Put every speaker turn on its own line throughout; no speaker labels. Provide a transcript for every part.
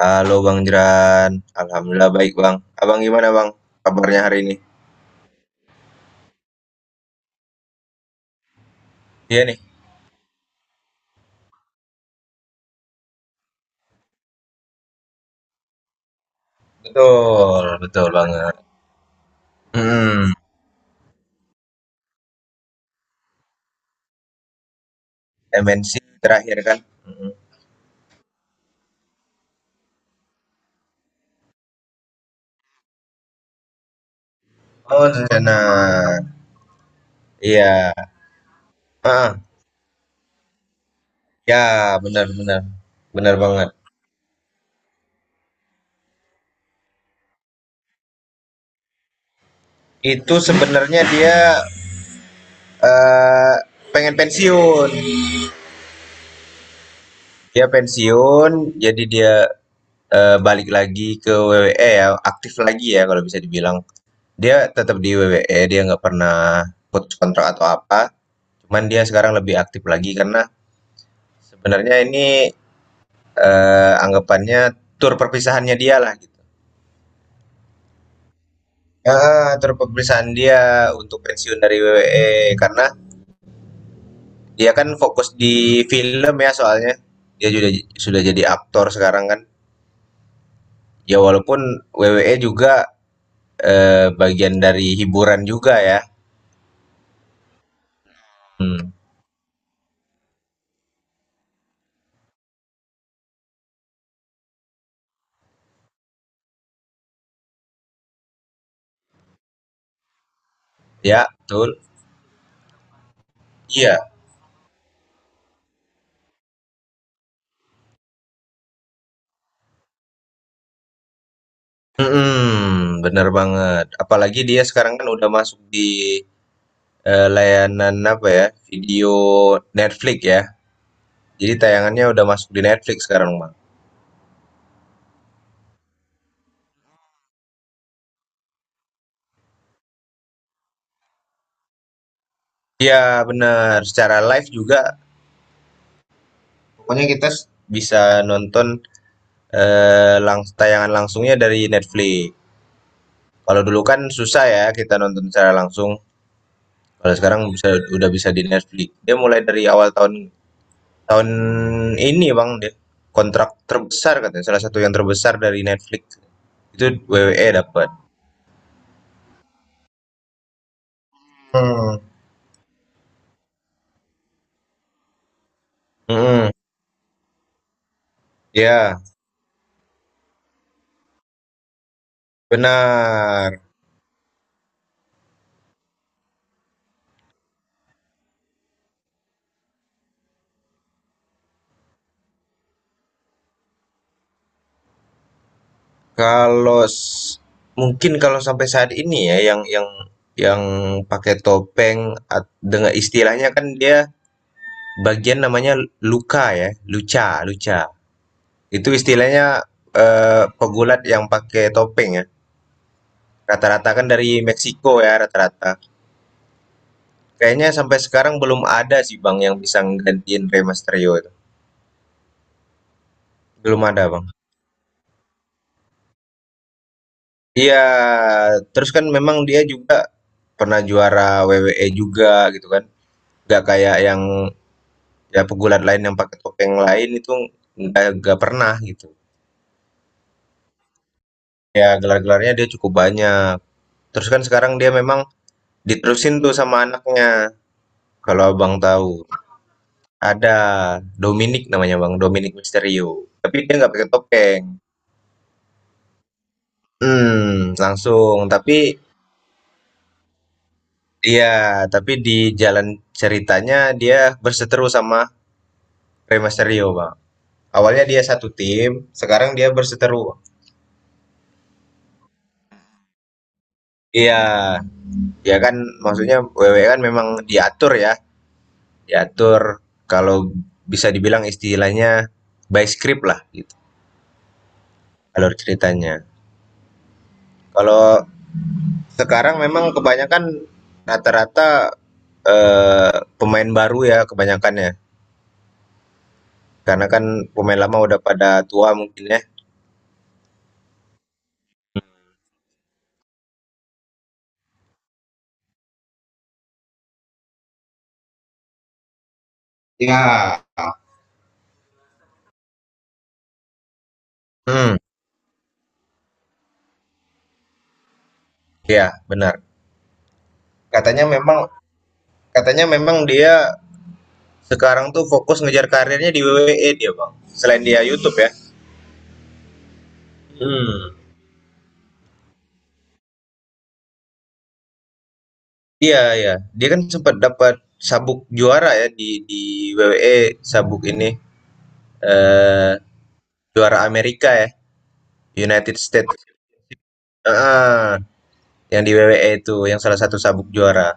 Halo Bang Jeran, alhamdulillah baik Bang. Abang gimana Bang? Kabarnya hari ini? Iya nih, betul, betul banget. Hmm, MNC terakhir kan? Mm. Oh, rencana. Iya, ah, ya benar-benar, benar banget. Itu sebenarnya dia eh, pengen pensiun. Dia pensiun, jadi dia balik lagi ke WWE ya, aktif lagi ya kalau bisa dibilang. Dia tetap di WWE, dia nggak pernah putus kontrak atau apa. Cuman dia sekarang lebih aktif lagi karena sebenarnya ini anggapannya tur perpisahannya dia lah gitu. Ah, tur perpisahan dia untuk pensiun dari WWE karena dia kan fokus di film ya soalnya. Dia sudah jadi aktor sekarang kan. Ya walaupun WWE juga bagian dari hiburan juga ya. Hmm. Ya, betul. Iya. Mhm, bener banget. Apalagi dia sekarang kan udah masuk di, layanan apa ya, video Netflix ya. Jadi tayangannya udah masuk di Netflix sekarang, Bang. Iya, bener, secara live juga pokoknya kita bisa nonton, tayangan langsungnya dari Netflix. Kalau dulu kan susah ya kita nonton secara langsung, kalau sekarang udah bisa di Netflix. Dia mulai dari awal tahun tahun ini, Bang, dia kontrak terbesar katanya, salah satu yang terbesar dari Netflix. Itu weweké dapat. Hmm. Mhm, iya, benar. Kalau s Mungkin kalau sampai saat ini ya yang pakai topeng, at dengan istilahnya kan dia bagian namanya luka ya, luca, luca. Itu istilahnya pegulat yang pakai topeng ya. Rata-rata kan dari Meksiko ya rata-rata. Kayaknya sampai sekarang belum ada sih Bang yang bisa nggantiin Rey Mysterio itu. Belum ada Bang. Iya, terus kan memang dia juga pernah juara WWE juga gitu kan. Nggak kayak yang ya pegulat lain yang pakai topeng lain itu nggak pernah gitu. Ya gelar-gelarnya dia cukup banyak. Terus kan sekarang dia memang diterusin tuh sama anaknya. Kalau abang tahu, ada Dominic namanya bang, Dominic Mysterio. Tapi dia nggak pakai topeng. Hmm, langsung. Tapi iya, tapi di jalan ceritanya dia berseteru sama Rey Mysterio bang. Awalnya dia satu tim, sekarang dia berseteru. Iya, ya kan maksudnya WWE kan memang diatur ya, diatur kalau bisa dibilang istilahnya by script lah gitu, alur ceritanya. Kalau sekarang memang kebanyakan rata-rata pemain baru ya kebanyakannya, karena kan pemain lama udah pada tua mungkin ya. Ya. Hmm, iya benar. Katanya memang katanya memang dia sekarang tuh fokus ngejar karirnya di WWE dia, Bang. Selain dia YouTube ya. Hmm. Iya, iya. Dia kan sempat dapat sabuk juara ya di WWE, sabuk ini eh juara Amerika ya, United States. ah yang di WWE itu yang salah satu sabuk juara.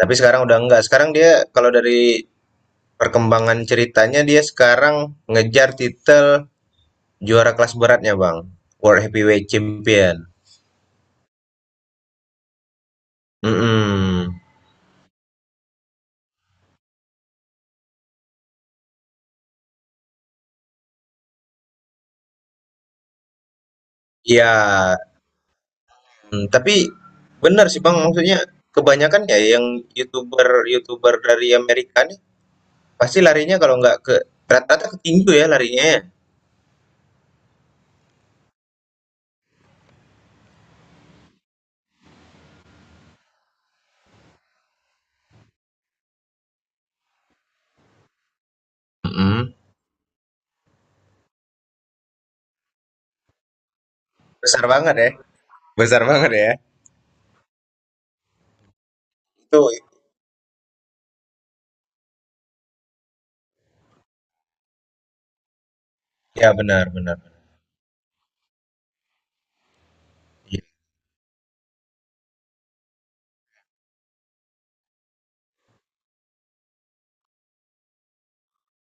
Tapi sekarang udah enggak. Sekarang dia kalau dari perkembangan ceritanya dia sekarang ngejar titel juara kelas beratnya, Bang. World Heavyweight Champion. Mm-mm. Iya. Tapi benar sih, Bang, maksudnya kebanyakan ya yang YouTuber-YouTuber dari Amerika nih pasti larinya kalau nggak ke rata-rata ke tinju ya larinya ya? Mhm. Besar banget ya, besar banget ya. Itu ya benar benar. Iya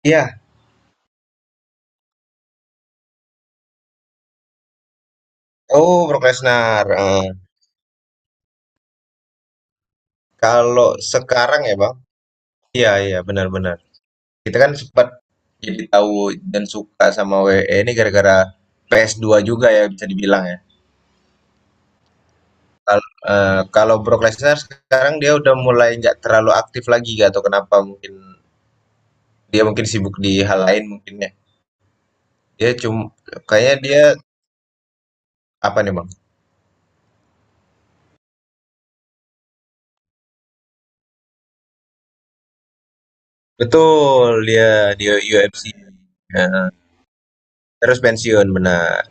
iya, oh, Brock Lesnar, heeh. Kalau sekarang ya, Bang, iya iya, benar benar. Kita kan sempet jadi tahu dan suka sama WWE ini gara-gara ps dua juga ya bisa dibilang ya? Kal Kalau Brock Lesnar sekarang dia udah mulai nggak terlalu aktif lagi, nggak tahu kenapa mungkin dia mungkin sibuk di hal lain mungkin ya. Dia cuma kayaknya dia apa nih, Bang? Betul, dia di UFC. Heeh, terus pensiun, benar.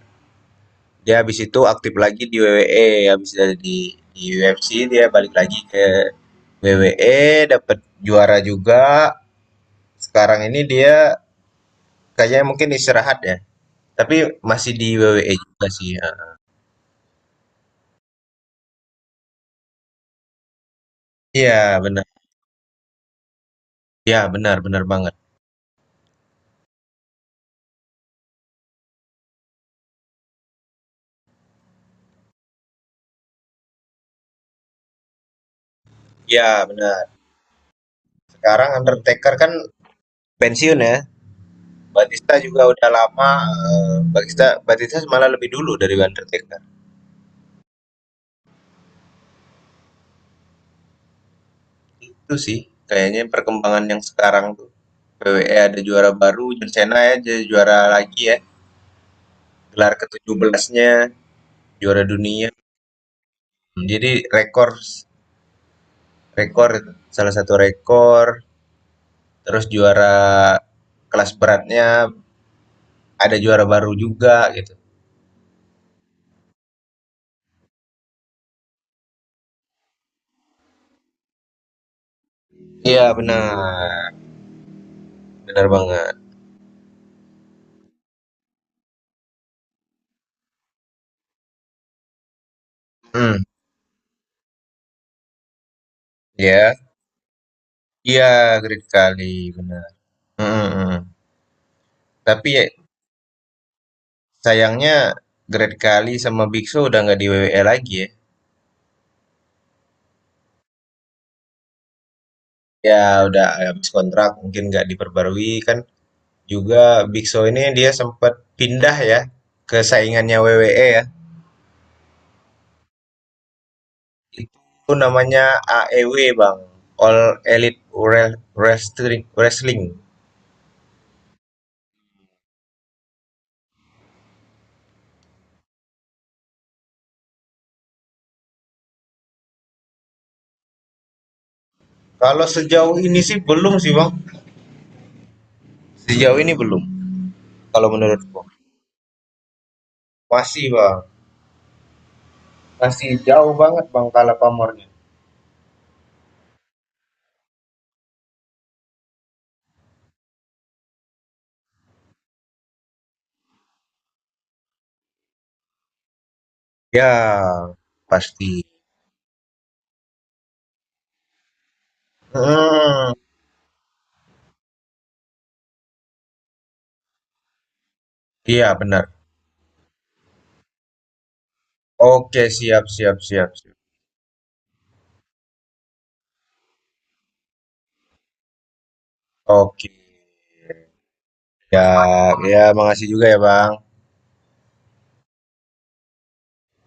Dia habis itu aktif lagi di WWE, habis dari di UFC dia balik lagi ke WWE, dapat juara juga. Sekarang ini dia kayaknya mungkin istirahat ya, tapi masih di WWE juga sih, heeh. Iya, benar. Ya benar benar banget. Ya benar. Sekarang Undertaker kan pensiun ya. Batista juga udah lama, eh, Batista Batista malah lebih dulu dari Undertaker. Itu sih kayaknya perkembangan yang sekarang tuh. WWE ada juara baru, John Cena ya jadi juara lagi ya. Gelar ketujuh belasnya juara dunia. Hmm, jadi rekor rekor salah satu rekor, terus juara kelas beratnya ada juara baru juga gitu. Iya, benar. Benar banget. Hmm. Ya, iya Great Kali benar. Mm, mm. Tapi ya, sayangnya Great Kali sama Bigso udah nggak di WWE lagi ya. Ya udah habis kontrak mungkin nggak diperbarui kan. Juga Bigso ini dia sempat pindah ya ke saingannya WWE ya. Itu namanya AEW Bang, All Elite Wrestling. Wrestling. Kalau sejauh ini sih belum sih Bang. Sejauh ini belum. Kalau menurutku masih Bang, masih jauh banget Bang Kala pamornya. Ya, pasti. Hmm, iya benar. Oke, siap, siap, siap, siap. Oke. Ya, ya, makasih juga ya, Bang.